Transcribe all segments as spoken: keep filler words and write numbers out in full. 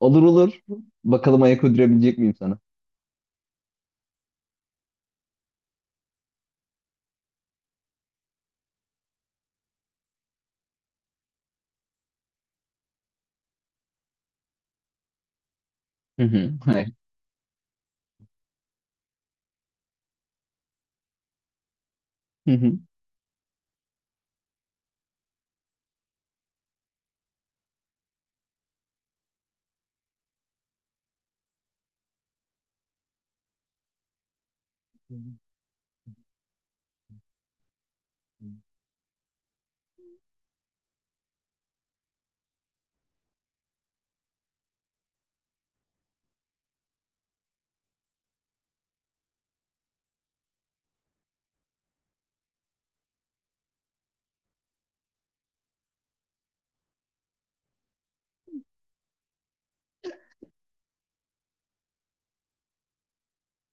Olur olur. Bakalım ayak uydurabilecek miyim sana? Hı hı. Hayır. Hı hı.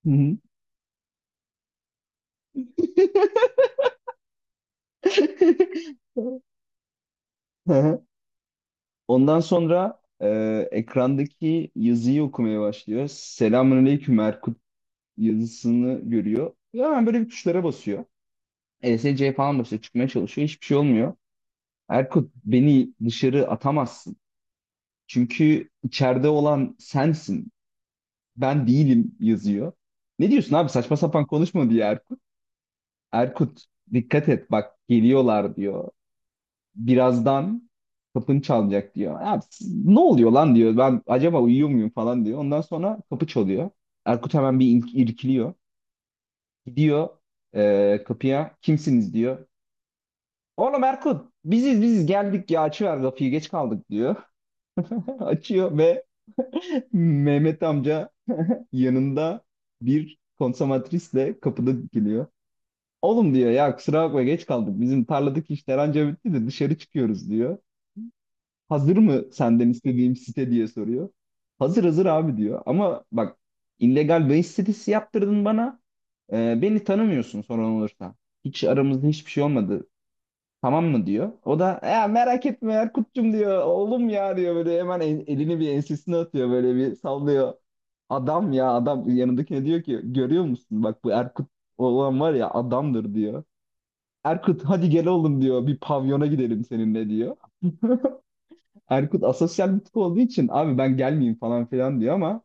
Hı hı. Hı hı. Ondan sonra e, ekrandaki yazıyı okumaya başlıyor. Selamünaleyküm Erkut yazısını görüyor. Ve hemen böyle bir tuşlara basıyor. E S C falan basıyor. Çıkmaya çalışıyor. Hiçbir şey olmuyor. Erkut beni dışarı atamazsın. Çünkü içeride olan sensin. Ben değilim yazıyor. Ne diyorsun abi? Saçma sapan konuşma diye Erkut. Erkut dikkat et bak geliyorlar diyor. Birazdan kapın çalacak diyor. Ya, siz- ne oluyor lan diyor. Ben acaba uyuyor muyum falan diyor. Ondan sonra kapı çalıyor. Erkut hemen bir ilk- irkiliyor. Gidiyor e, kapıya kimsiniz diyor. Oğlum Erkut biziz biziz geldik ya açıver kapıyı geç kaldık diyor. Açıyor ve Mehmet amca yanında bir konsomatrisle kapıda dikiliyor. Oğlum diyor ya kusura bakma geç kaldık. Bizim tarladaki işler anca bitti de dışarı çıkıyoruz diyor. Hazır mı senden istediğim site diye soruyor. Hazır hazır abi diyor. Ama bak illegal bahis sitesi yaptırdın bana. Ee, beni tanımıyorsun sorun olursa. Hiç aramızda hiçbir şey olmadı. Tamam mı diyor. O da ya merak etme Erkut'cum diyor. Oğlum ya diyor böyle hemen el- elini bir ensesine atıyor böyle bir sallıyor. Adam ya adam yanındakine diyor ki görüyor musun bak bu Erkut olan var ya adamdır diyor. Erkut hadi gel oğlum diyor. Bir pavyona gidelim seninle diyor. Erkut asosyal bir tip olduğu için abi ben gelmeyeyim falan filan diyor ama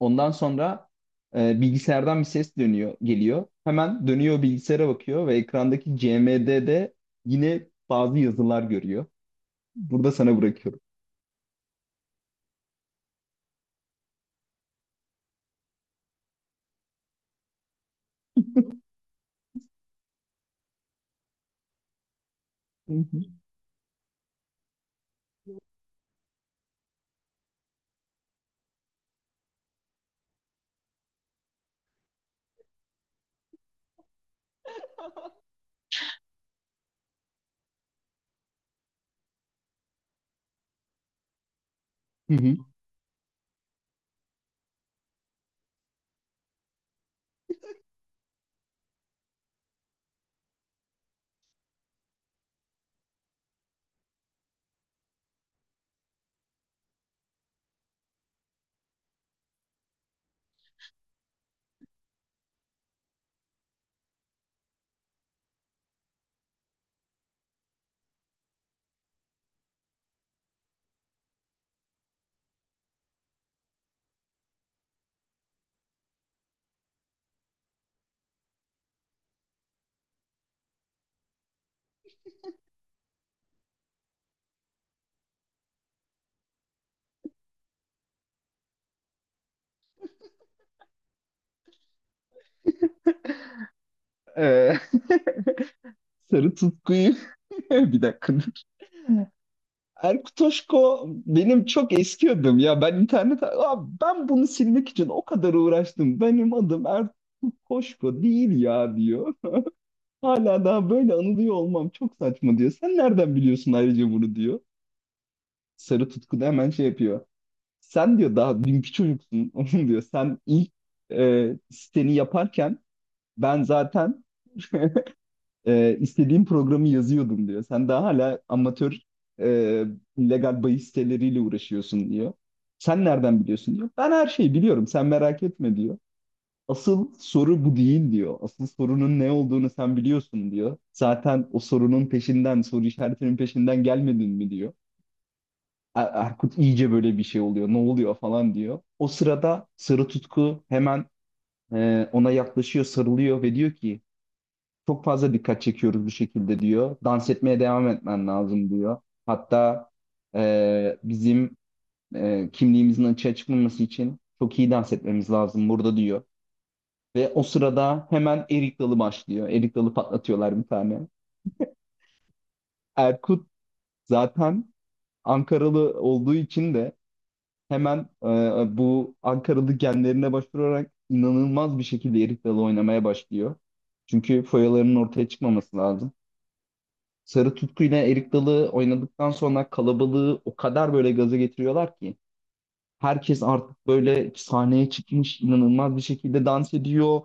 ondan sonra e, bilgisayardan bir ses dönüyor, geliyor. Hemen dönüyor bilgisayara bakıyor ve ekrandaki C M D'de yine bazı yazılar görüyor. Burada sana bırakıyorum. Hı hı. Hı hı. Ee, sarı tutkuyu bir dakika Erkut Toşko benim çok eski adım ya. Ben internet abi ben bunu silmek için o kadar uğraştım. Benim adım Erkut Toşko değil ya diyor. Hala daha böyle anılıyor olmam çok saçma diyor. Sen nereden biliyorsun ayrıca bunu diyor. Sarı Tutku da hemen şey yapıyor. Sen diyor daha dünkü çocuksun onun diyor. Sen ilk e, siteni yaparken ben zaten e, istediğim programı yazıyordum diyor. Sen daha hala amatör e, legal bahis siteleriyle uğraşıyorsun diyor. Sen nereden biliyorsun diyor. Ben her şeyi biliyorum sen merak etme diyor. Asıl soru bu değil diyor. Asıl sorunun ne olduğunu sen biliyorsun diyor. Zaten o sorunun peşinden, soru işaretinin peşinden gelmedin mi diyor. Er- Erkut iyice böyle bir şey oluyor. Ne oluyor falan diyor. O sırada Sarı Tutku hemen e, ona yaklaşıyor, sarılıyor ve diyor ki çok fazla dikkat çekiyoruz bu şekilde diyor. Dans etmeye devam etmen lazım diyor. Hatta e, bizim e, kimliğimizin açığa çıkmaması için çok iyi dans etmemiz lazım burada diyor. Ve o sırada hemen erik dalı başlıyor. Erik dalı patlatıyorlar bir tane. Erkut zaten Ankaralı olduğu için de hemen e, bu Ankaralı genlerine başvurarak inanılmaz bir şekilde erik dalı oynamaya başlıyor. Çünkü foyalarının ortaya çıkmaması lazım. Sarı Tutku'yla erik dalı oynadıktan sonra kalabalığı o kadar böyle gaza getiriyorlar ki herkes artık böyle sahneye çıkmış inanılmaz bir şekilde dans ediyor.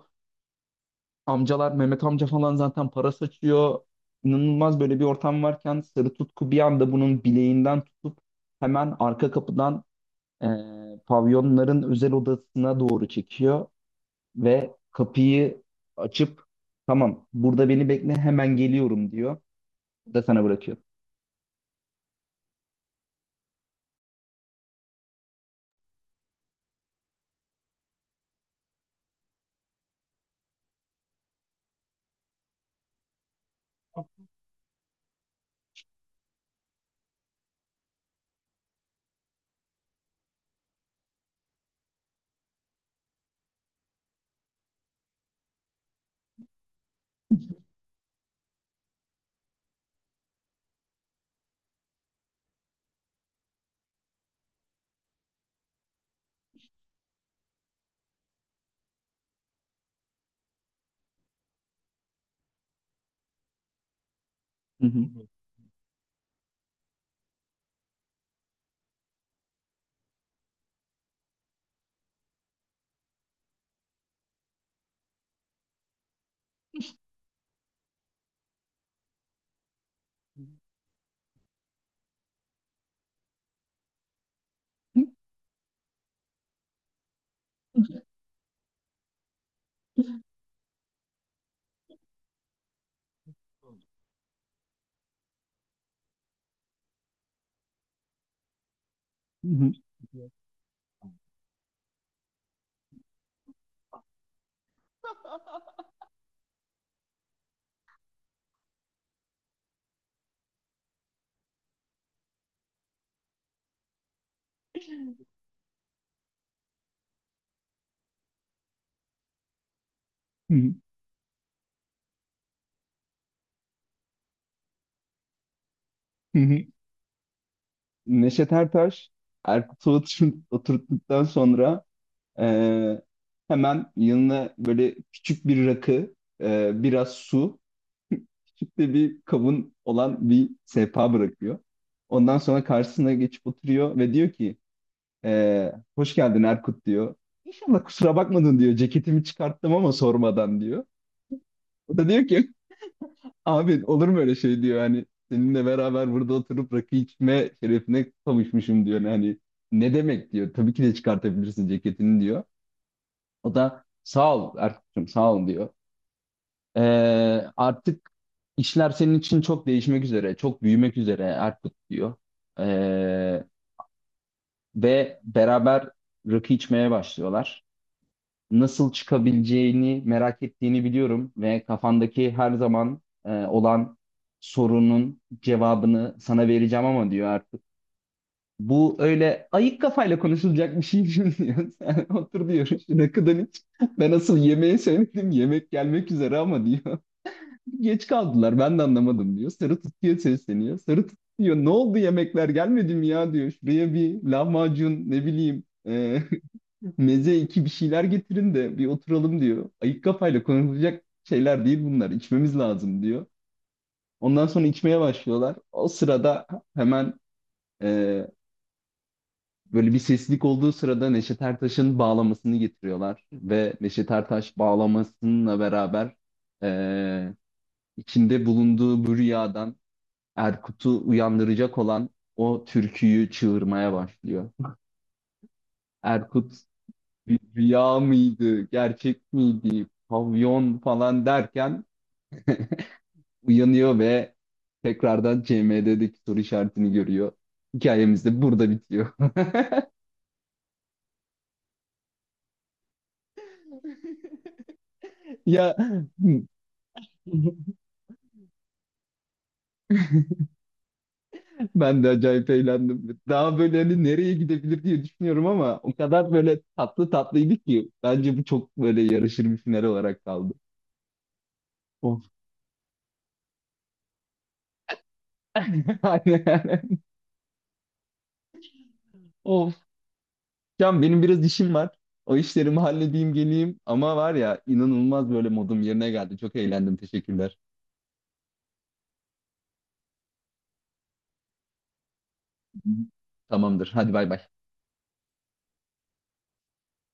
Amcalar Mehmet amca falan zaten para saçıyor. İnanılmaz böyle bir ortam varken Sarı Tutku bir anda bunun bileğinden tutup hemen arka kapıdan eee, pavyonların özel odasına doğru çekiyor ve kapıyı açıp tamam burada beni bekle hemen geliyorum diyor. Da sana bırakıyor. Hı hı. Hı hı. Hı hı. Hı hı. Neşet Ertaş Erkut'u otur- oturttuktan sonra eee, hemen yanına böyle küçük bir rakı, eee, biraz su, küçük de bir kabın olan bir sehpa bırakıyor. Ondan sonra karşısına geçip oturuyor ve diyor ki eee, hoş geldin Erkut diyor. İnşallah kusura bakmadın diyor. Ceketimi çıkarttım ama sormadan diyor. O da diyor ki abi olur mu öyle şey diyor hani seninle beraber burada oturup rakı içme şerefine kavuşmuşum diyor. Hani ne demek diyor. Tabii ki de çıkartabilirsin ceketini diyor. O da sağ ol Erkut'cum sağ ol diyor. Ee, artık işler senin için çok değişmek üzere, çok büyümek üzere Erkut diyor. Ee, Ve beraber rakı içmeye başlıyorlar. Nasıl çıkabileceğini merak ettiğini biliyorum ve kafandaki her zaman e, olan sorunun cevabını sana vereceğim ama diyor artık. Bu öyle ayık kafayla konuşulacak bir şey değil diyor. Sen otur diyor şuna kadar hiç. Ben asıl yemeği söyledim. Yemek gelmek üzere ama diyor. Geç kaldılar ben de anlamadım diyor. Sarı tutuyor sesleniyor. Sarı tutuyor. Ne oldu yemekler gelmedi mi ya diyor. Şuraya bir lahmacun ne bileyim e, meze iki bir şeyler getirin de bir oturalım diyor. Ayık kafayla konuşulacak şeyler değil bunlar. İçmemiz lazım diyor. Ondan sonra içmeye başlıyorlar. O sırada hemen e, böyle bir seslilik olduğu sırada Neşet Ertaş'ın bağlamasını getiriyorlar. Ve Neşet Ertaş bağlamasıyla beraber e, içinde bulunduğu bu rüyadan Erkut'u uyandıracak olan o türküyü çığırmaya başlıyor. Erkut bir rüya mıydı, gerçek miydi, pavyon falan derken uyanıyor ve tekrardan C M D'deki soru işaretini görüyor. Hikayemiz de burada bitiyor. Ya ben de acayip eğlendim. Daha böyle hani nereye gidebilir diye düşünüyorum ama o kadar böyle tatlı tatlıydı ki bence bu çok böyle yarışır bir final olarak kaldı. Of. Aynen. Of. Can benim biraz işim var. O işlerimi halledeyim geleyim. Ama var ya inanılmaz böyle modum yerine geldi. Çok eğlendim. Teşekkürler. Tamamdır. Hadi bay bay.